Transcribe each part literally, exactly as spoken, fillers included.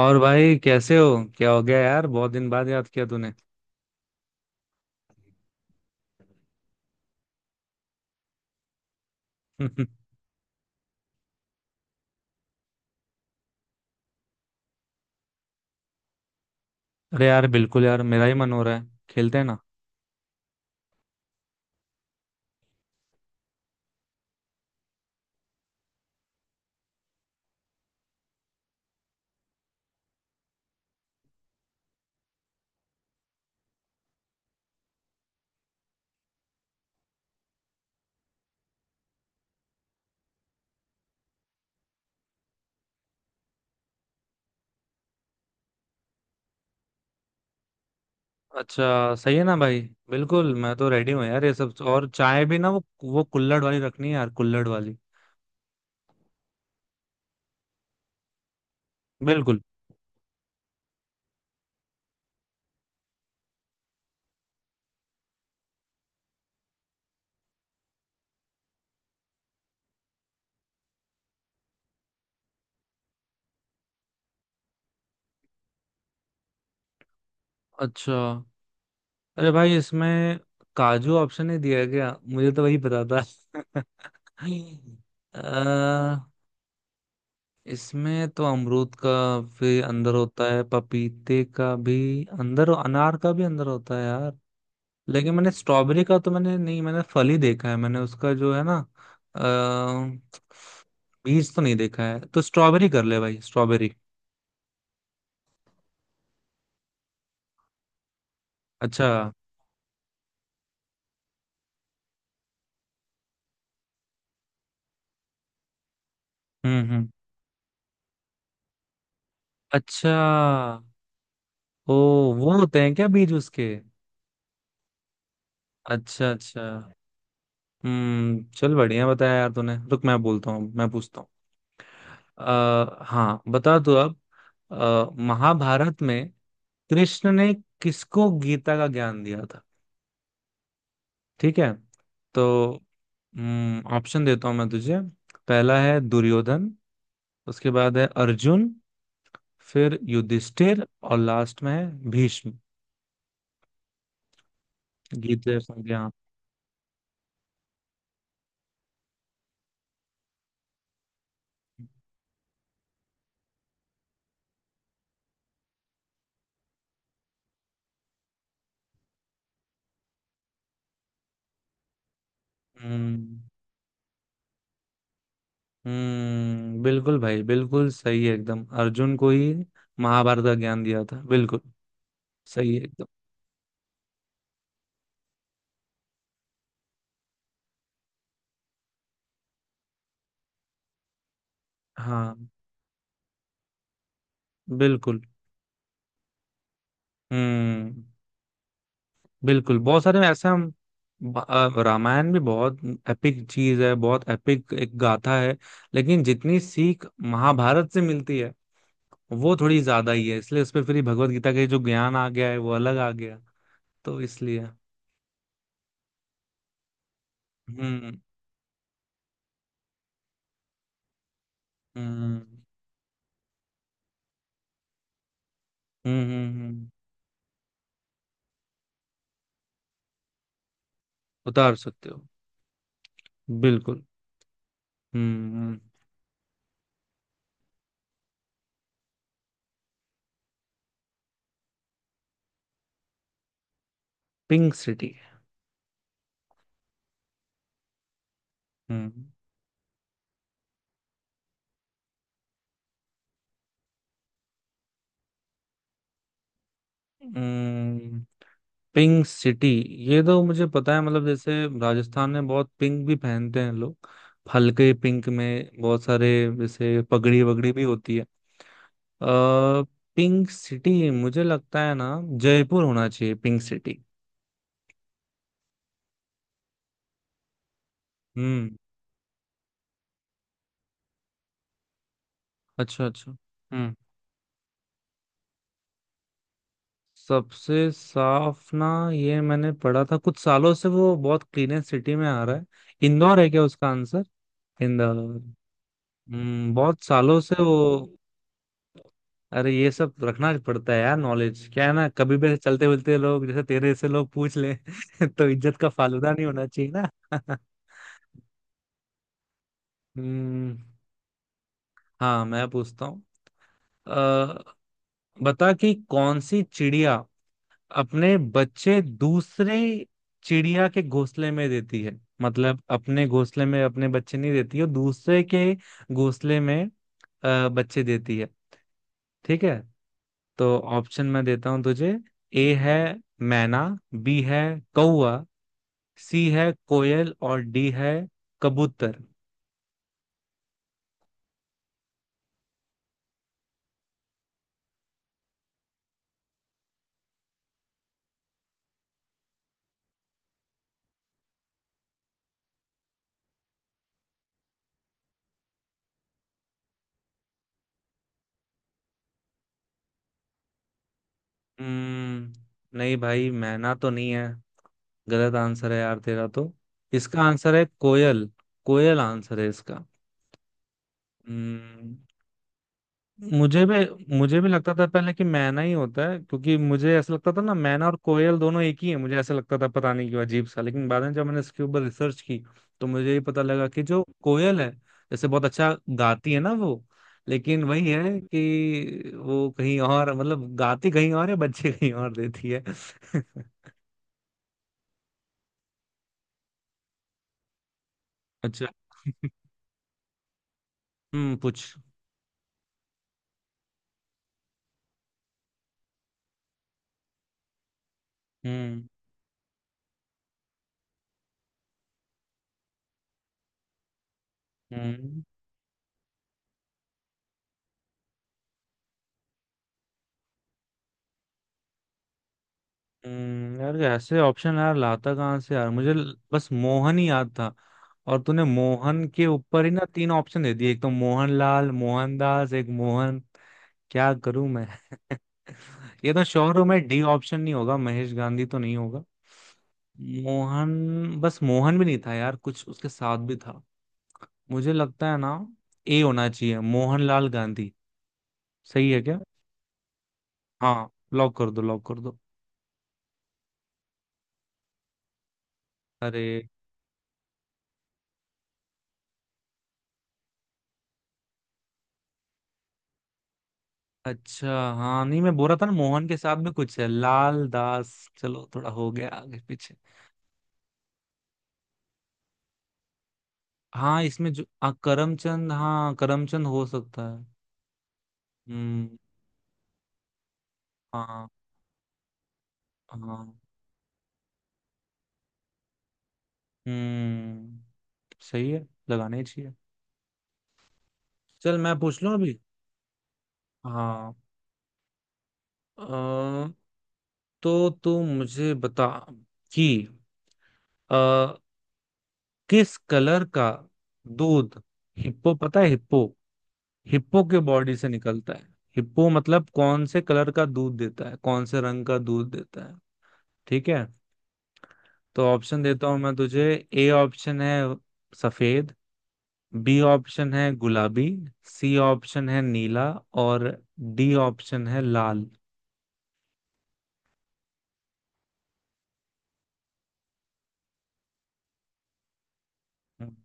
और भाई कैसे हो। क्या हो गया यार, बहुत दिन बाद याद किया तूने। अरे यार बिल्कुल यार, मेरा ही मन हो रहा है, खेलते हैं ना। अच्छा सही है ना भाई। बिल्कुल, मैं तो रेडी हूँ यार ये सब। और चाय भी ना वो वो कुल्हड़ वाली रखनी है यार, कुल्हड़ वाली। बिल्कुल। अच्छा। अरे भाई, इसमें काजू ऑप्शन ही दिया है क्या? मुझे तो वही पता था। अ, इसमें तो अमरूद का भी अंदर होता है, पपीते का भी अंदर, अनार का भी अंदर होता है यार। लेकिन मैंने स्ट्रॉबेरी का तो, मैंने नहीं, मैंने फल ही देखा है, मैंने उसका जो है ना। अ, बीज तो नहीं देखा है, तो स्ट्रॉबेरी कर ले भाई, स्ट्रॉबेरी। अच्छा। हम्म, हम्म। अच्छा। ओ। वो होते हैं क्या बीज उसके? अच्छा अच्छा। हम्म, चल, बढ़िया बताया यार तूने। रुक, मैं बोलता हूँ, मैं पूछता हूँ। अ, हाँ, बता दो अब। अ, महाभारत में कृष्ण ने किसको गीता का ज्ञान दिया था? ठीक है। तो ऑप्शन देता हूं मैं तुझे। पहला है दुर्योधन। उसके बाद है अर्जुन। फिर युधिष्ठिर, और लास्ट में है भीष्म। गीत संज्ञा। हम्म, हम्म, बिल्कुल भाई, बिल्कुल सही है एकदम। अर्जुन को ही महाभारत का ज्ञान दिया था, बिल्कुल। सही है एकदम। हाँ। बिल्कुल। हम्म। बिल्कुल, बहुत सारे ऐसा हम। ब- अ, रामायण भी बहुत एपिक चीज है, बहुत एपिक एक गाथा है। लेकिन जितनी सीख महाभारत से मिलती है, वो थोड़ी ज्यादा ही है, इसलिए उस पर फिर भगवत गीता के जो ज्ञान आ गया है वो अलग आ गया। तो इसलिए। हम्म, हम्म, हम्म, हम्म, हम्म, उतार सकते हो। बिल्कुल। हम्म, हम्म, पिंक सिटी। हम्म, Pink City, हम्म, हम्म, पिंक सिटी ये तो मुझे पता है, मतलब जैसे, राजस्थान में बहुत पिंक भी पहनते हैं लोग। हल्के पिंक में बहुत सारे। जैसे पगड़ी वगड़ी भी होती है। अ पिंक सिटी मुझे लगता है ना, जयपुर होना चाहिए पिंक सिटी। हम्म। अच्छा अच्छा। हम्म। सबसे साफ ना? ये मैंने पढ़ा था, कुछ सालों से वो बहुत क्लीनेस्ट सिटी में आ रहा है। इंदौर है क्या उसका आंसर? इंदौर। हम्म, बहुत सालों से वो। अरे ये सब रखना पड़ता है यार नॉलेज, क्या है ना, कभी भी ऐसे चलते मिलते लोग, जैसे तेरे से लोग पूछ ले, तो इज्जत का फालूदा नहीं होना चाहिए ना। हम्म। हाँ, मैं पूछता हूँ। अ, बता कि कौन सी चिड़िया अपने बच्चे दूसरे चिड़िया के घोंसले में देती है, मतलब अपने घोंसले में अपने बच्चे नहीं देती है, दूसरे के घोंसले में अ, बच्चे देती है। ठीक है। तो ऑप्शन मैं देता हूं तुझे। ए है मैना। बी है कौआ। सी है कोयल, और डी है कबूतर। हम्म, नहीं भाई, मैना तो नहीं है। गलत आंसर है यार तेरा तो। इसका आंसर है कोयल। कोयल आंसर है इसका। हम्म, मुझे भी मुझे भी लगता था पहले कि मैना ही होता है, क्योंकि मुझे ऐसा लगता था ना मैना और कोयल दोनों एक ही है, मुझे ऐसा लगता था पता नहीं क्यों, अजीब सा। लेकिन बाद में जब मैंने इसके ऊपर रिसर्च की, तो मुझे ये पता लगा कि जो कोयल है, जैसे बहुत अच्छा गाती है ना वो। लेकिन वही है कि वो कहीं और, मतलब गाती कहीं और है, बच्चे कहीं और देती है। अच्छा। हम्म, पूछ। हम्म, हम्म, हम्म, यार ऐसे ऑप्शन यार लाता कहाँ से यार, मुझे ल- बस मोहन ही याद था। और तूने मोहन के ऊपर ही ना तीन ऑप्शन दे दिए, एक तो मोहनलाल, मोहनदास, एक मोहन। क्या करूं मैं। ये तो शोरों में डी ऑप्शन नहीं होगा, महेश गांधी तो नहीं होगा। मोहन, बस मोहन भी नहीं था यार, कुछ उसके साथ भी था। मुझे लगता है ना, ए होना चाहिए, मोहनलाल गांधी। सही है क्या? हाँ, लॉक कर दो, लॉक कर दो। अरे। अच्छा। हाँ नहीं, मैं बोल रहा था ना मोहन के साथ में कुछ है, लाल, दास, चलो थोड़ा हो गया आगे पीछे। हाँ इसमें जो, हाँ, करमचंद, हाँ करमचंद हो सकता है। हम्म। हाँ, हाँ। हम्म। सही है, लगाना ही चाहिए। चल, मैं पूछ लूं अभी। हाँ। अ, तो तू मुझे बता कि अ, किस कलर का दूध, हिप्पो पता है हिप्पो, हिप्पो के बॉडी से निकलता है। हिप्पो मतलब कौन से कलर का दूध देता है, कौन से रंग का दूध देता है? ठीक है। तो ऑप्शन देता हूं मैं तुझे। ए ऑप्शन है सफेद। बी ऑप्शन है गुलाबी। सी ऑप्शन है नीला। और डी ऑप्शन है लाल। हम्म,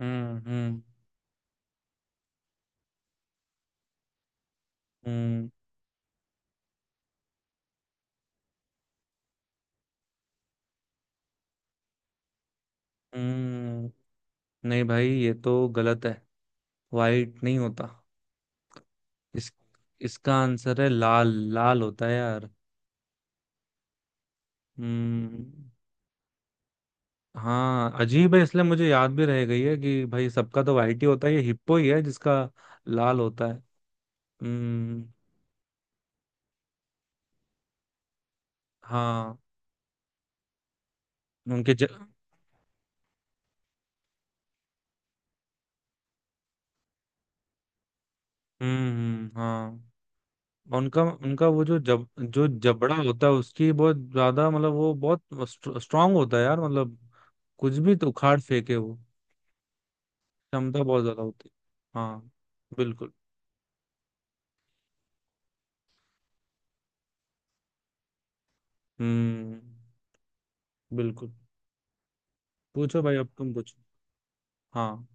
हम्म, हम्म, हम्म, नहीं भाई, ये तो गलत है। वाइट नहीं होता। इस इसका आंसर है लाल। लाल होता है यार। हम्म। हाँ, अजीब है, इसलिए मुझे याद भी रह गई है कि भाई, सबका तो वाइट ही होता है, ये हिप्पो ही है जिसका लाल होता है। हम्म। हाँ। उनके ज... हम्म। हाँ, उनका उनका वो जो जब जो जबड़ा होता है, उसकी बहुत ज्यादा, मतलब वो बहुत स्ट्रांग होता है यार, मतलब कुछ भी तो उखाड़ फेंके वो। क्षमता बहुत ज्यादा होती है। हाँ। बिल्कुल। हम्म। बिल्कुल। पूछो भाई, अब तुम पूछो। हाँ।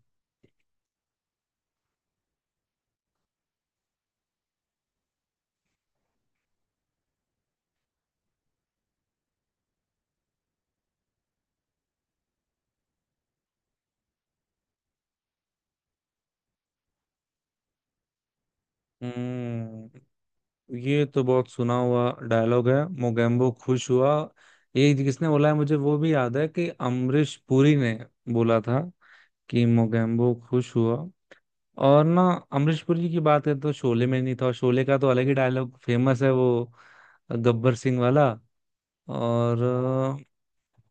हम्म, ये तो बहुत सुना हुआ डायलॉग है, मोगेम्बो खुश हुआ। ये किसने बोला है, मुझे वो भी याद है कि अमरीश पुरी ने बोला था कि मोगेम्बो खुश हुआ। और ना अमरीश पुरी की बात है तो शोले में नहीं था, और शोले का तो अलग ही डायलॉग फेमस है वो, गब्बर सिंह वाला। और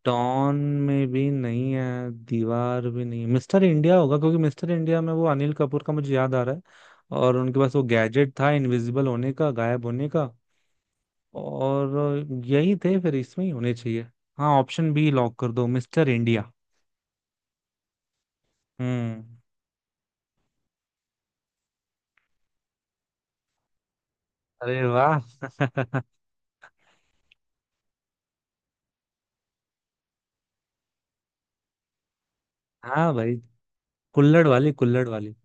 डॉन में भी नहीं है, दीवार भी नहीं, मिस्टर इंडिया होगा, क्योंकि मिस्टर इंडिया में वो अनिल कपूर का मुझे याद आ रहा है। और उनके पास वो गैजेट था इनविजिबल होने का, गायब होने का। और यही थे, फिर इसमें ही होने चाहिए। हाँ, ऑप्शन बी लॉक कर दो, मिस्टर इंडिया। हम्म। अरे वाह। हाँ भाई। कुल्हड़ वाली, कुल्हड़ वाली।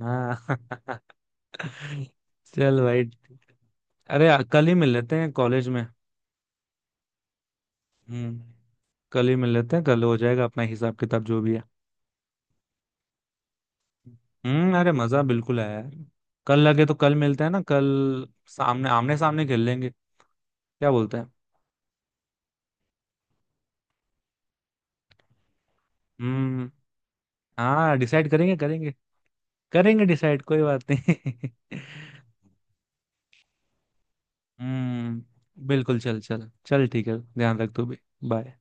हाँ। चल भाई। अरे आ- कल ही मिल लेते हैं कॉलेज में। हम्म, कल ही मिल लेते हैं, कल हो जाएगा अपना हिसाब किताब, जो भी है। हम्म, अरे मजा बिल्कुल आया यार। कल लगे तो कल मिलते हैं ना, कल सामने आमने सामने खेल लेंगे। क्या बोलते हैं? हम्म। हाँ, डिसाइड करेंगे, करेंगे। करेंगे डिसाइड, कोई बात नहीं। हम्म, बिल्कुल, चल चल चल, ठीक है, ध्यान रख तू भी। बाय।